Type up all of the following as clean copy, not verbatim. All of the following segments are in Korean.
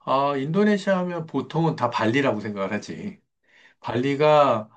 아, 인도네시아 하면 보통은 다 발리라고 생각을 하지. 발리가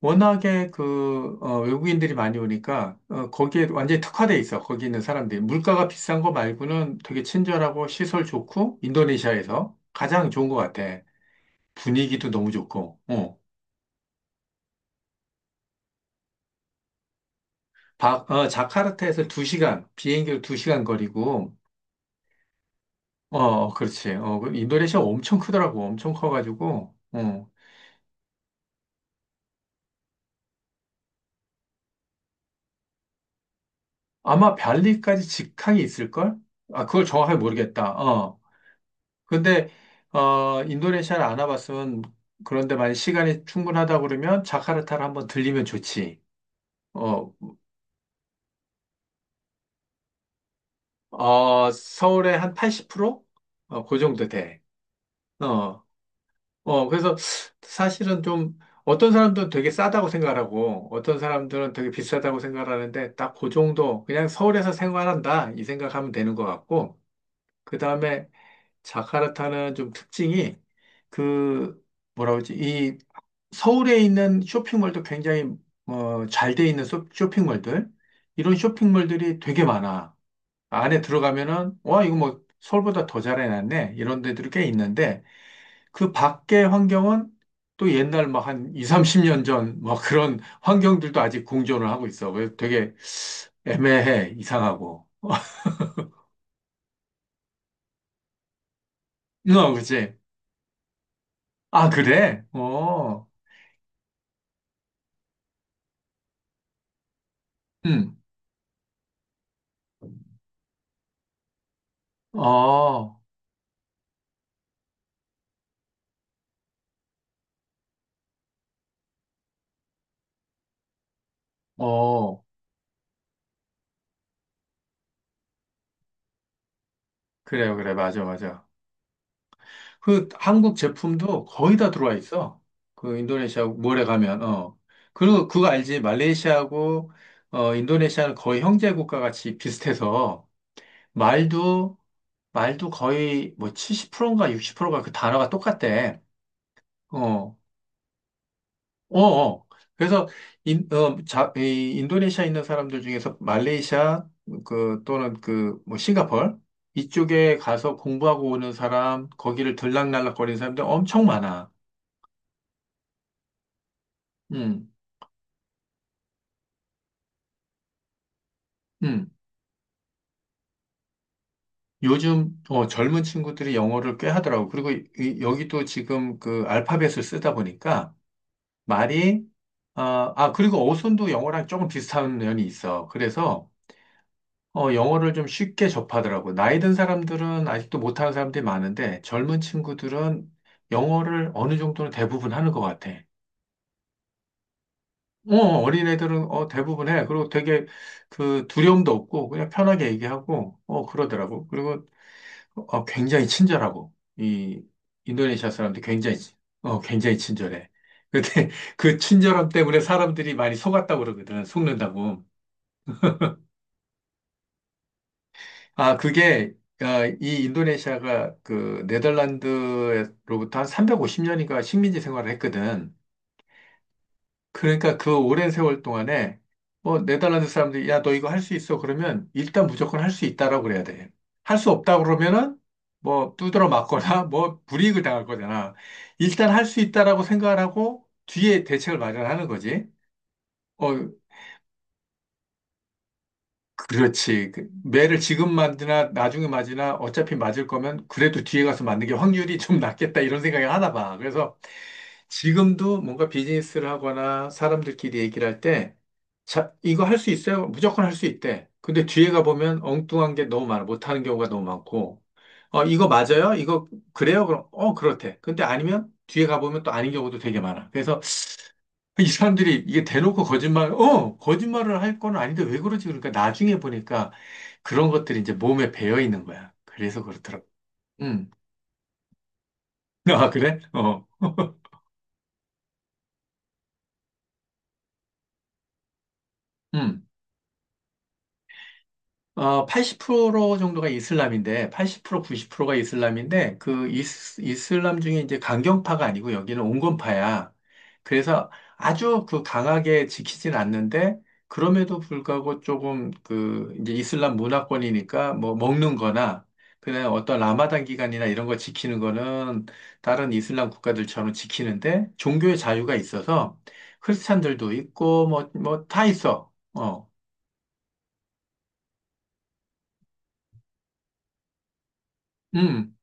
워낙에 외국인들이 많이 오니까, 거기에 완전히 특화돼 있어. 거기 있는 사람들이. 물가가 비싼 거 말고는 되게 친절하고 시설 좋고, 인도네시아에서 가장 좋은 것 같아. 분위기도 너무 좋고. 자카르타에서 두시간 비행기로 두시간 거리고, 그렇지. 그 인도네시아 엄청 크더라고. 엄청 커가지고. 아마 발리까지 직항이 있을걸? 아, 그걸 정확하게 모르겠다. 근데, 인도네시아를 안 와봤으면, 그런데 만약 시간이 충분하다 그러면 자카르타를 한번 들리면 좋지. 어, 어, 서울의 한 80%? 그 정도 돼. 어, 어, 그래서 사실은 좀, 어떤 사람들은 되게 싸다고 생각하고, 어떤 사람들은 되게 비싸다고 생각하는데, 딱 그 정도, 그냥 서울에서 생활한다, 이 생각하면 되는 것 같고, 그 다음에 자카르타는 좀 특징이 그 뭐라 그러지? 이 서울에 있는 쇼핑몰도 굉장히 잘 돼 있는 쇼핑몰들 이런 쇼핑몰들이 되게 많아. 안에 들어가면은 와 이거 뭐 서울보다 더 잘해놨네 이런 데들이 꽤 있는데 그 밖의 환경은 또 옛날 막 한 2, 30년 전 뭐 그런 환경들도 아직 공존을 하고 있어. 그래서 되게 애매해 이상하고. 어, 그치? 아 그래? 어, 음, 어. 어, 그래요, 그래, 맞아, 맞아. 그 한국 제품도 거의 다 들어와 있어. 그 인도네시아 몰에 가면. 그리고 그거 알지? 말레이시아하고, 인도네시아는 거의 형제 국가 같이 비슷해서, 말도, 말도 거의 뭐 70%인가 60%가 그 단어가 똑같대. 어, 어, 어. 그래서 이 인도네시아에 있는 사람들 중에서 말레이시아 그 또는 그 뭐 싱가폴 이쪽에 가서 공부하고 오는 사람, 거기를 들락날락거리는 사람들 엄청 많아. 음. 음. 요즘 젊은 친구들이 영어를 꽤 하더라고. 그리고 여기도 지금 그 알파벳을 쓰다 보니까 말이 그리고 어순도 영어랑 조금 비슷한 면이 있어. 그래서 영어를 좀 쉽게 접하더라고요. 나이 든 사람들은 아직도 못하는 사람들이 많은데 젊은 친구들은 영어를 어느 정도는 대부분 하는 것 같아. 어린애들은 대부분 해. 그리고 되게 그 두려움도 없고 그냥 편하게 얘기하고 그러더라고. 그리고 굉장히 친절하고 이 인도네시아 사람들 굉장히 친절해. 근데 그 친절함 때문에 사람들이 많이 속았다고 그러거든. 속는다고. 아, 이 인도네시아가 그 네덜란드로부터 한 350년인가 식민지 생활을 했거든. 그러니까 그 오랜 세월 동안에 뭐 네덜란드 사람들이 야, 너 이거 할 수 있어. 그러면 일단 무조건 할 수 있다라고 그래야 돼. 할 수 없다 그러면은 뭐 두드러 맞거나 뭐 불이익을 당할 거잖아. 일단 할 수 있다라고 생각을 하고 뒤에 대책을 마련하는 거지. 어, 그렇지. 그 매를 지금 맞으나 나중에 맞으나 어차피 맞을 거면 그래도 뒤에 가서 맞는 게 확률이 좀 낫겠다 이런 생각을 하나 봐. 그래서 지금도 뭔가 비즈니스를 하거나 사람들끼리 얘기를 할 때, 자, 이거 할 수 있어요? 무조건 할 수 있대. 근데 뒤에 가보면 엉뚱한 게 너무 많아. 못하는 경우가 너무 많고, 이거 맞아요? 이거 그래요? 그럼, 그렇대. 근데 아니면 뒤에 가보면 또 아닌 경우도 되게 많아. 그래서 이 사람들이 이게 대놓고 거짓말을 할 건 아닌데 왜 그러지? 그러니까 나중에 보니까 그런 것들이 이제 몸에 배어 있는 거야. 그래서 그렇더라고. 음. 아, 그래? 어. 음. 80% 정도가 이슬람인데, 80% 90%가 이슬람인데, 그 이슬람 중에 이제 강경파가 아니고 여기는 온건파야. 그래서 아주 그 강하게 지키진 않는데, 그럼에도 불구하고 조금 그 이제 이슬람 문화권이니까 뭐 먹는 거나, 그냥 어떤 라마단 기간이나 이런 거 지키는 거는 다른 이슬람 국가들처럼 지키는데, 종교의 자유가 있어서 크리스찬들도 있고, 뭐, 뭐 다 있어. 음.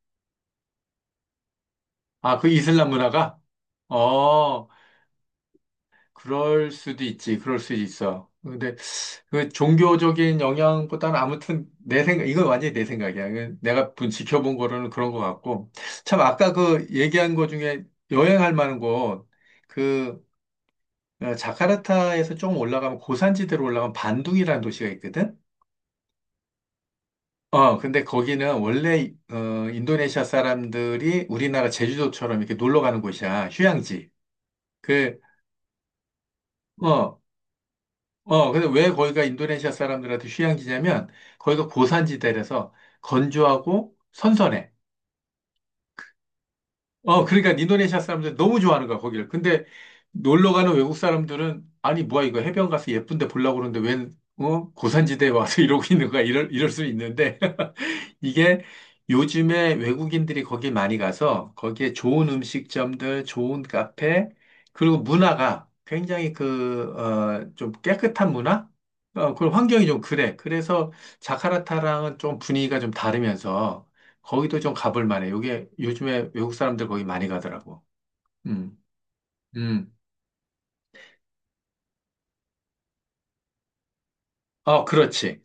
아, 그 이슬람 문화가? 어, 그럴 수도 있지. 그럴 수도 있어. 근데 그 종교적인 영향보다는 아무튼 내 생각, 이건 완전히 내 생각이야. 이건 내가 지켜본 거로는 그런 것 같고. 참, 아까 그 얘기한 거 중에 여행할 만한 곳, 그, 자카르타에서 좀 올라가면 고산지대로 올라가면 반둥이라는 도시가 있거든? 근데 거기는 원래, 인도네시아 사람들이 우리나라 제주도처럼 이렇게 놀러 가는 곳이야. 휴양지. 그, 어, 근데 왜 거기가 인도네시아 사람들한테 휴양지냐면, 거기가 고산지대라서 건조하고 선선해. 그러니까 인도네시아 사람들 너무 좋아하는 거야, 거기를. 근데 놀러 가는 외국 사람들은, 아니, 뭐야, 이거 해변 가서 예쁜데 보려고 그러는데 웬, 어? 고산지대에 와서 이러고 있는 거야. 이럴 수 있는데. 이게 요즘에 외국인들이 거기 많이 가서 거기에 좋은 음식점들, 좋은 카페, 그리고 문화가 굉장히 좀 깨끗한 문화? 그런 환경이 좀 그래. 그래서 자카르타랑은 좀 분위기가 좀 다르면서 거기도 좀 가볼 만해. 요게 요즘에 외국 사람들 거기 많이 가더라고. 음, 음. 어, 그렇지.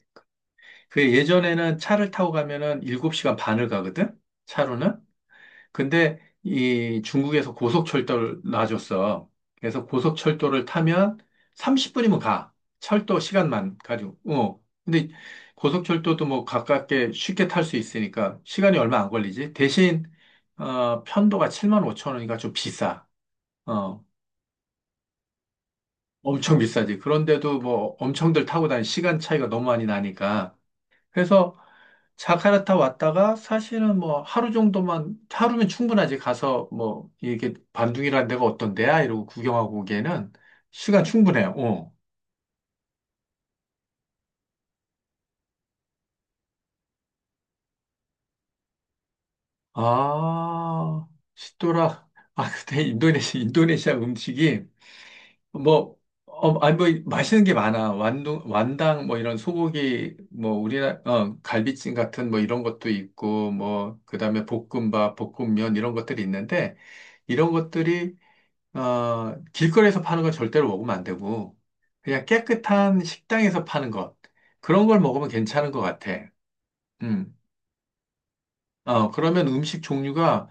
그 예전에는 차를 타고 가면은 7시간 반을 가거든? 차로는? 근데 이 중국에서 고속철도를 놔줬어. 그래서 고속철도를 타면 30분이면 가. 철도 시간만 가지고. 근데 고속철도도 뭐 가깝게 쉽게 탈 수 있으니까 시간이 얼마 안 걸리지. 대신 편도가 7만 5천 원이니까 좀 비싸. 어. 엄청 비싸지. 그런데도 뭐 엄청들 타고 다니는 시간 차이가 너무 많이 나니까. 그래서 자카르타 왔다가 사실은 뭐 하루 정도만, 하루면 충분하지. 가서 뭐 이게 반둥이라는 데가 어떤 데야? 이러고 구경하고 오기에는 시간 충분해요. 아, 시도라. 아, 근데 인도네시아 음식이 뭐, 아니 뭐 맛있는 게 많아. 완당 뭐 이런 소고기, 뭐 우리나라, 갈비찜 같은 뭐 이런 것도 있고 뭐 그다음에 볶음밥, 볶음면 이런 것들이 있는데 이런 것들이 길거리에서 파는 거 절대로 먹으면 안 되고, 그냥 깨끗한 식당에서 파는 것, 그런 걸 먹으면 괜찮은 것 같아. 음. 그러면 음식 종류가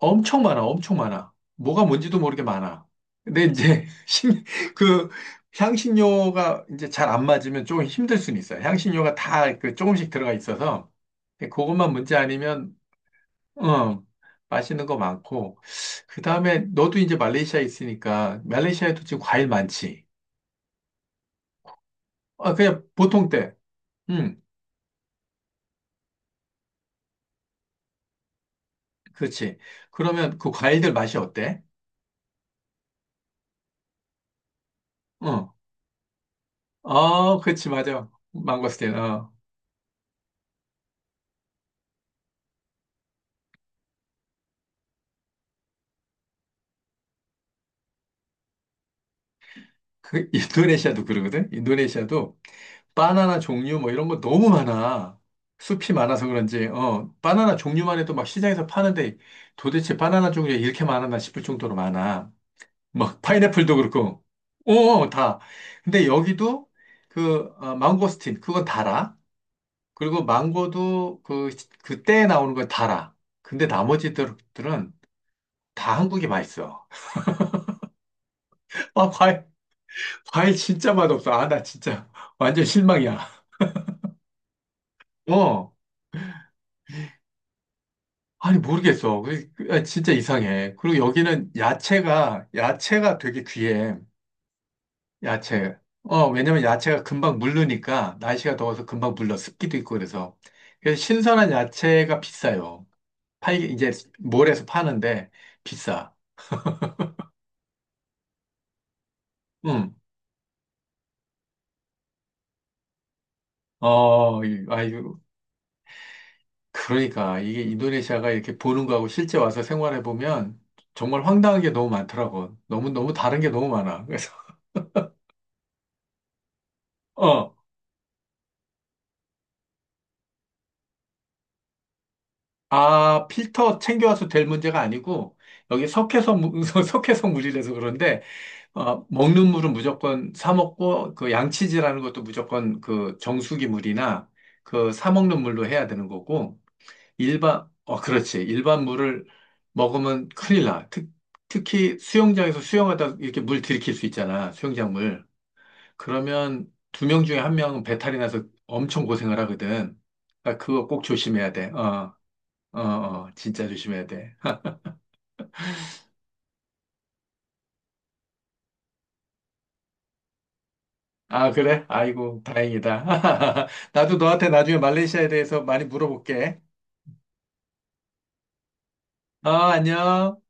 엄청 많아, 엄청 많아. 뭐가 뭔지도 모르게 많아. 근데 이제, 그, 향신료가 이제 잘 안 맞으면 조금 힘들 수는 있어요. 향신료가 다 그 조금씩 들어가 있어서, 그것만 문제 아니면, 어, 맛있는 거 많고, 그 다음에 너도 이제 말레이시아에 있으니까, 말레이시아에도 지금 과일 많지. 아, 그냥 보통 때. 응, 그렇지. 그러면 그 과일들 맛이 어때? 어, 어, 그렇지, 맞아. 망고스틴. 그, 인도네시아도 그러거든? 인도네시아도 바나나 종류 뭐 이런 거 너무 많아. 숲이 많아서 그런지, 바나나 종류만 해도 막 시장에서 파는데 도대체 바나나 종류가 이렇게 많았나 싶을 정도로 많아. 막 파인애플도 그렇고, 다. 근데 여기도 망고스틴, 그건 달아. 그리고 망고도 그때 나오는 건 달아. 근데 나머지들은 다 한국이 맛있어. 아, 과일 진짜 맛없어. 아, 나 진짜 완전 실망이야. 어. 아니, 모르겠어. 아, 진짜 이상해. 그리고 여기는 야채가 되게 귀해. 야채. 왜냐면 야채가 금방 물르니까, 날씨가 더워서 금방 물러. 습기도 있고 그래서. 그래서 신선한 야채가 비싸요. 이제 몰에서 파는데 비싸. 응 어, 아유, 그러니까 이게 인도네시아가 이렇게 보는 거하고 실제 와서 생활해 보면 정말 황당한 게 너무 많더라고. 너무 너무 다른 게 너무 많아. 그래서 어, 필터 챙겨와서 될 문제가 아니고 여기 석회성 석회성 물이라서 그런데 먹는 물은 무조건 사 먹고 그 양치질하는 것도 무조건 그 정수기 물이나 그 사 먹는 물로 해야 되는 거고. 그렇지. 일반 물을 먹으면 큰일 나. 특히 수영장에서 수영하다 이렇게 물 들이킬 수 있잖아. 수영장 물. 그러면 두 명 중에 한 명은 배탈이 나서 엄청 고생을 하거든. 아, 그거 꼭 조심해야 돼. 어, 어, 어, 진짜 조심해야 돼. 아, 그래? 아이고, 다행이다. 나도 너한테 나중에 말레이시아에 대해서 많이 물어볼게. 어, 안녕.